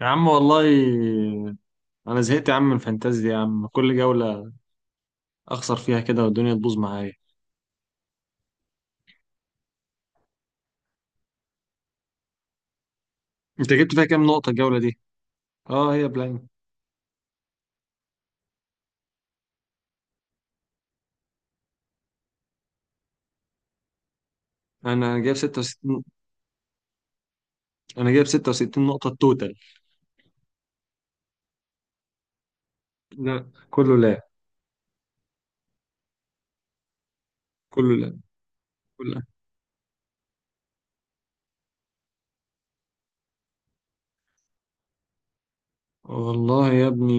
يا عم والله، انا زهقت يا عم من الفانتازيا، يا عم كل جولة اخسر فيها كده والدنيا تبوظ معايا. انت جبت فيها كام نقطة الجولة دي؟ اه هي بلان. انا جايب 66 انا جايب 66 نقطة التوتال. لا كله لا، كله لا، كله لا. والله يا ابني،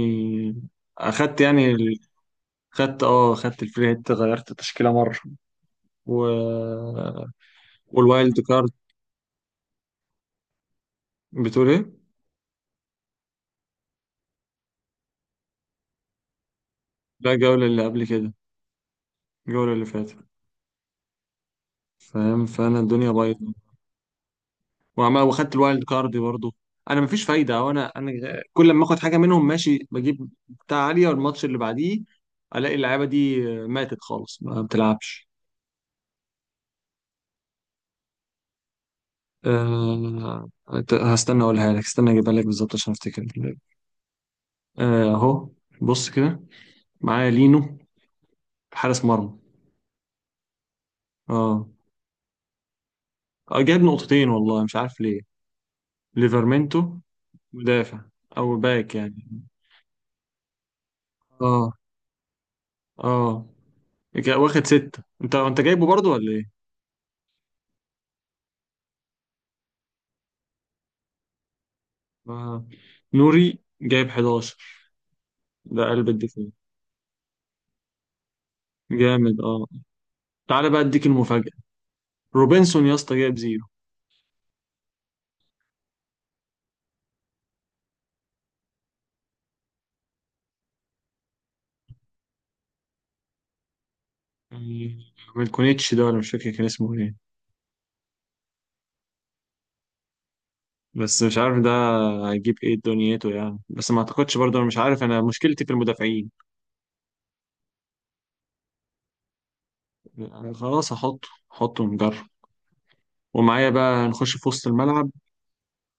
اخدت يعني ال- خدت الفري هيت، غيرت تشكيلة مرة و... والوايلد كارد. بتقول ايه؟ لا، الجولة اللي قبل كده، الجولة اللي فاتت. فاهم، فانا الدنيا بايظة. وعمال واخدت الوايلد كارد برضه. انا مفيش فايده، او انا. كل لما اخد حاجه منهم ماشي، بجيب بتاع عاليه والماتش اللي بعديه الاقي اللعيبه دي ماتت خالص، ما بتلعبش. أه... هستنى اقولها لك، استنى اجيبها لك بالظبط عشان افتكر. اهو، بص كده. معايا لينو حارس مرمى. اه. جاب نقطتين والله مش عارف ليه. ليفرمنتو، مدافع او باك يعني. اه، اه. واخد 6. انت جايبه برضو ولا ايه؟ آه. نوري جايب 11، ده قلب الدفاع. جامد اه. تعالى بقى اديك المفاجأة. روبنسون يا اسطى جايب زيرو. يعني ميلكونيتش ده، ولا مش فاكر كان اسمه ايه. بس مش عارف ده هيجيب ايه دنيته يعني، بس ما اعتقدش برضه، انا مش عارف، انا مشكلتي في المدافعين. يعني خلاص هحطه ونجرب. ومعايا بقى نخش في وسط الملعب.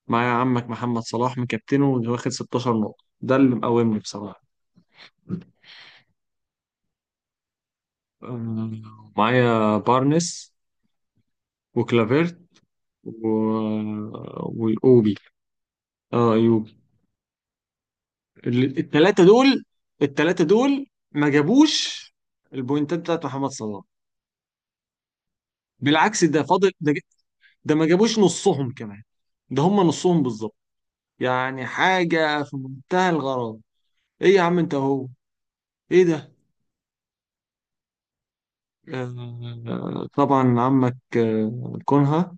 معايا عمك محمد صلاح مكابتنه واخد 16 نقطة، ده اللي مقومني بصراحة. معايا بارنس وكلافيرت و... والاوبي. اه، ايوبي. التلاتة دول، التلاتة دول ما جابوش البوينتات بتاعت محمد صلاح، بالعكس. ده فاضل ده، ده ما جابوش نصهم كمان، ده هم نصهم بالظبط. يعني حاجة في منتهى الغرابة. ايه يا عم انت، ايه ده؟ آه طبعا، عمك كونها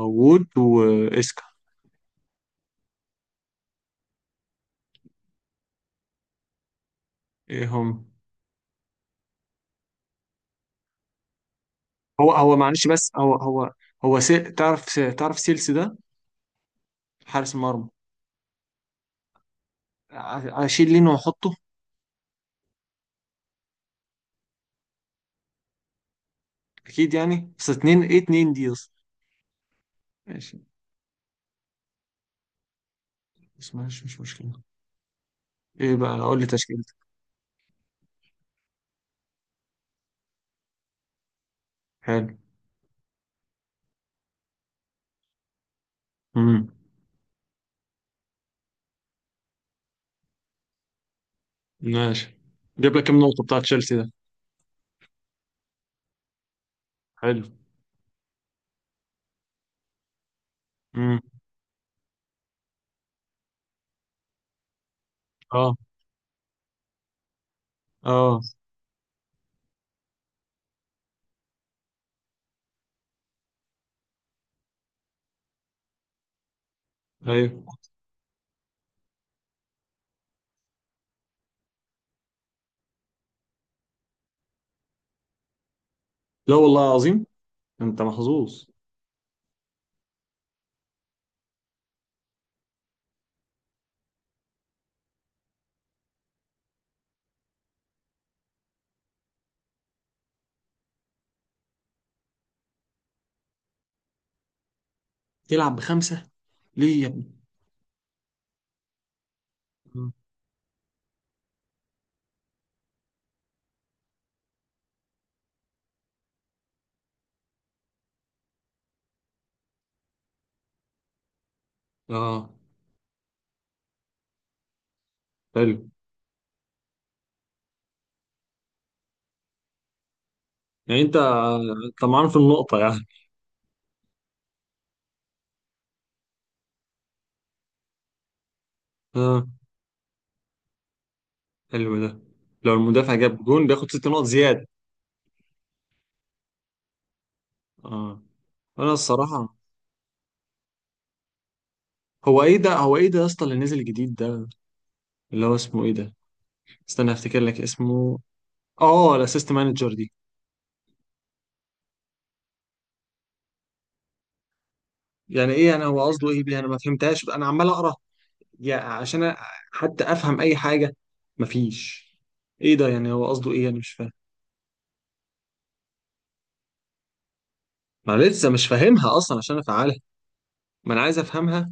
ووود واسكا. ايه هم؟ هو معلش، بس هو هو هو سي... تعرف سيلسي ده؟ حارس مرمى. اشيل لين واحطه. اكيد يعني، بس اتنين، ايه اتنين دي اصلا. ماشي. بس ماشي، مش مشكلة. ايه بقى، اقول لي تشكيلتك. حلو. امم، ماشي. جاب لك كم نقطة بتاع تشيلسي ده؟ حلو. امم. اه، اه، ايوه. لا والله عظيم، انت محظوظ. تلعب بخمسة ليه يا ابني؟ مم. اه، حلو. يعني انت معانا في النقطة يعني. اه، حلو ده. لو المدافع جاب جون بياخد 6 نقط زيادة. اه. انا الصراحة، هو ايه ده يا اسطى اللي نزل جديد ده، اللي هو اسمه ايه ده؟ استنى افتكر لك اسمه. اه، الاسيست مانجر دي يعني ايه؟ انا هو قصده ايه بيها؟ انا ما فهمتهاش، انا عمال اقرا يعني عشان حتى افهم اي حاجه، مفيش. ايه ده يعني؟ هو قصده ايه؟ انا مش فاهم. ما أنا لسه مش فاهمها اصلا عشان افعلها. ما انا عايز افهمها.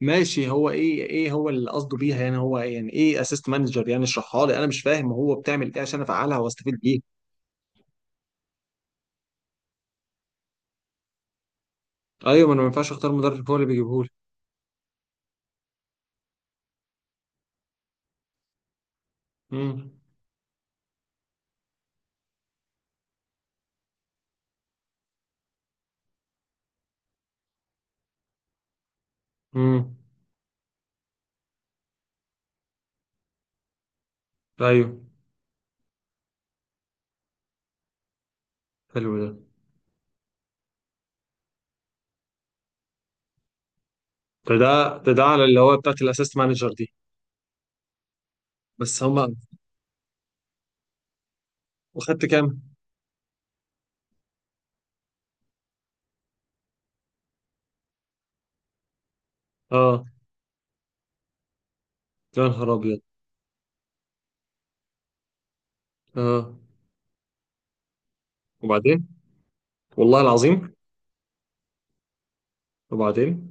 ماشي، هو ايه، هو اللي قصده بيها يعني؟ هو إيه يعني، ايه اسيست مانجر يعني؟ اشرحها لي انا مش فاهم هو بتعمل ايه عشان افعلها واستفيد بيها. ايوه، ما انا ما ينفعش اختار مدرب، هو اللي بيجيبهولي. امم، امم. ايوه. حلو ده على اللي هو بتاعت الاسيست مانجر دي. بس هم. وخدت كام؟ اه. يا نهار ابيض. اه، وبعدين. والله العظيم. وبعدين.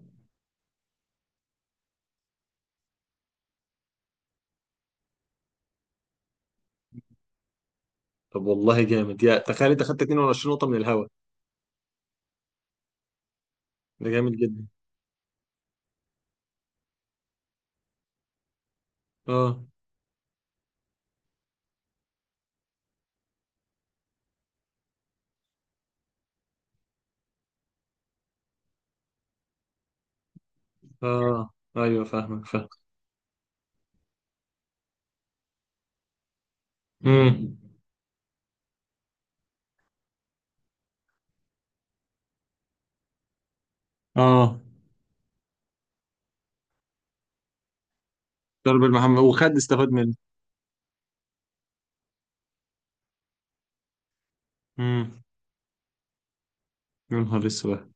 طب والله جامد، يا تخيل انت خدت 22 نقطة من الهوا. ده جامد جدا. اه، اه، ايوه فاهمك، فاهم. امم. اه. ضرب المحمد، وخد استفاد منه. امم. يا نهار اسود.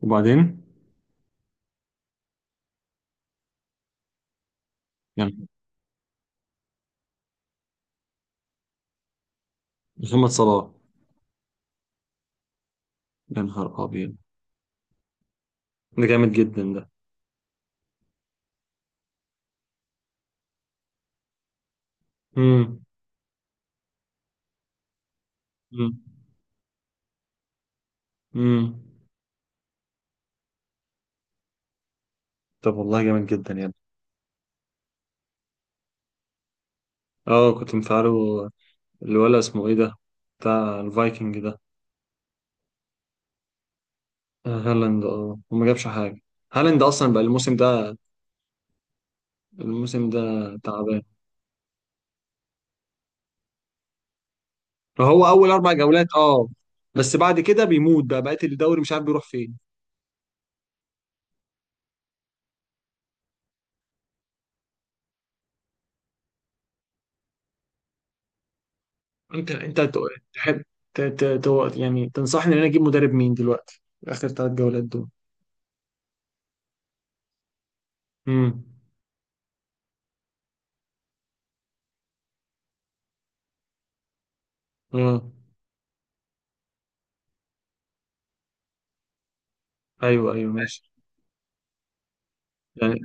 وبعدين. يعني محمد صلاح. يا نهار ابيض. ده جامد جدا ده. امم. امم. امم. طب والله جامد جدا يا ابني. اه كنت مفعله. الولا اسمه ايه ده، بتاع الفايكنج ده؟ هالاند. اه، وما جابش حاجة. هالاند اصلا بقى الموسم ده تعبان. هو اول 4 جولات اه. بس بعد كده بيموت بقى بقية الدوري، مش عارف بيروح فين. انت تحب ت- ت- يعني تنصحني ان انا اجيب مدرب مين دلوقتي، اخر 3 جولات دول؟ امم. اه، ايوه، ايوه ماشي. يعني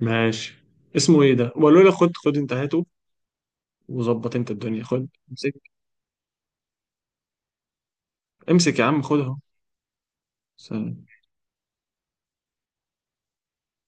ماشي. اسمه ايه ده؟ وقالوا لي خد انتهاته. وظبط انت الدنيا. خد امسك، امسك يا عم خدها. سلام.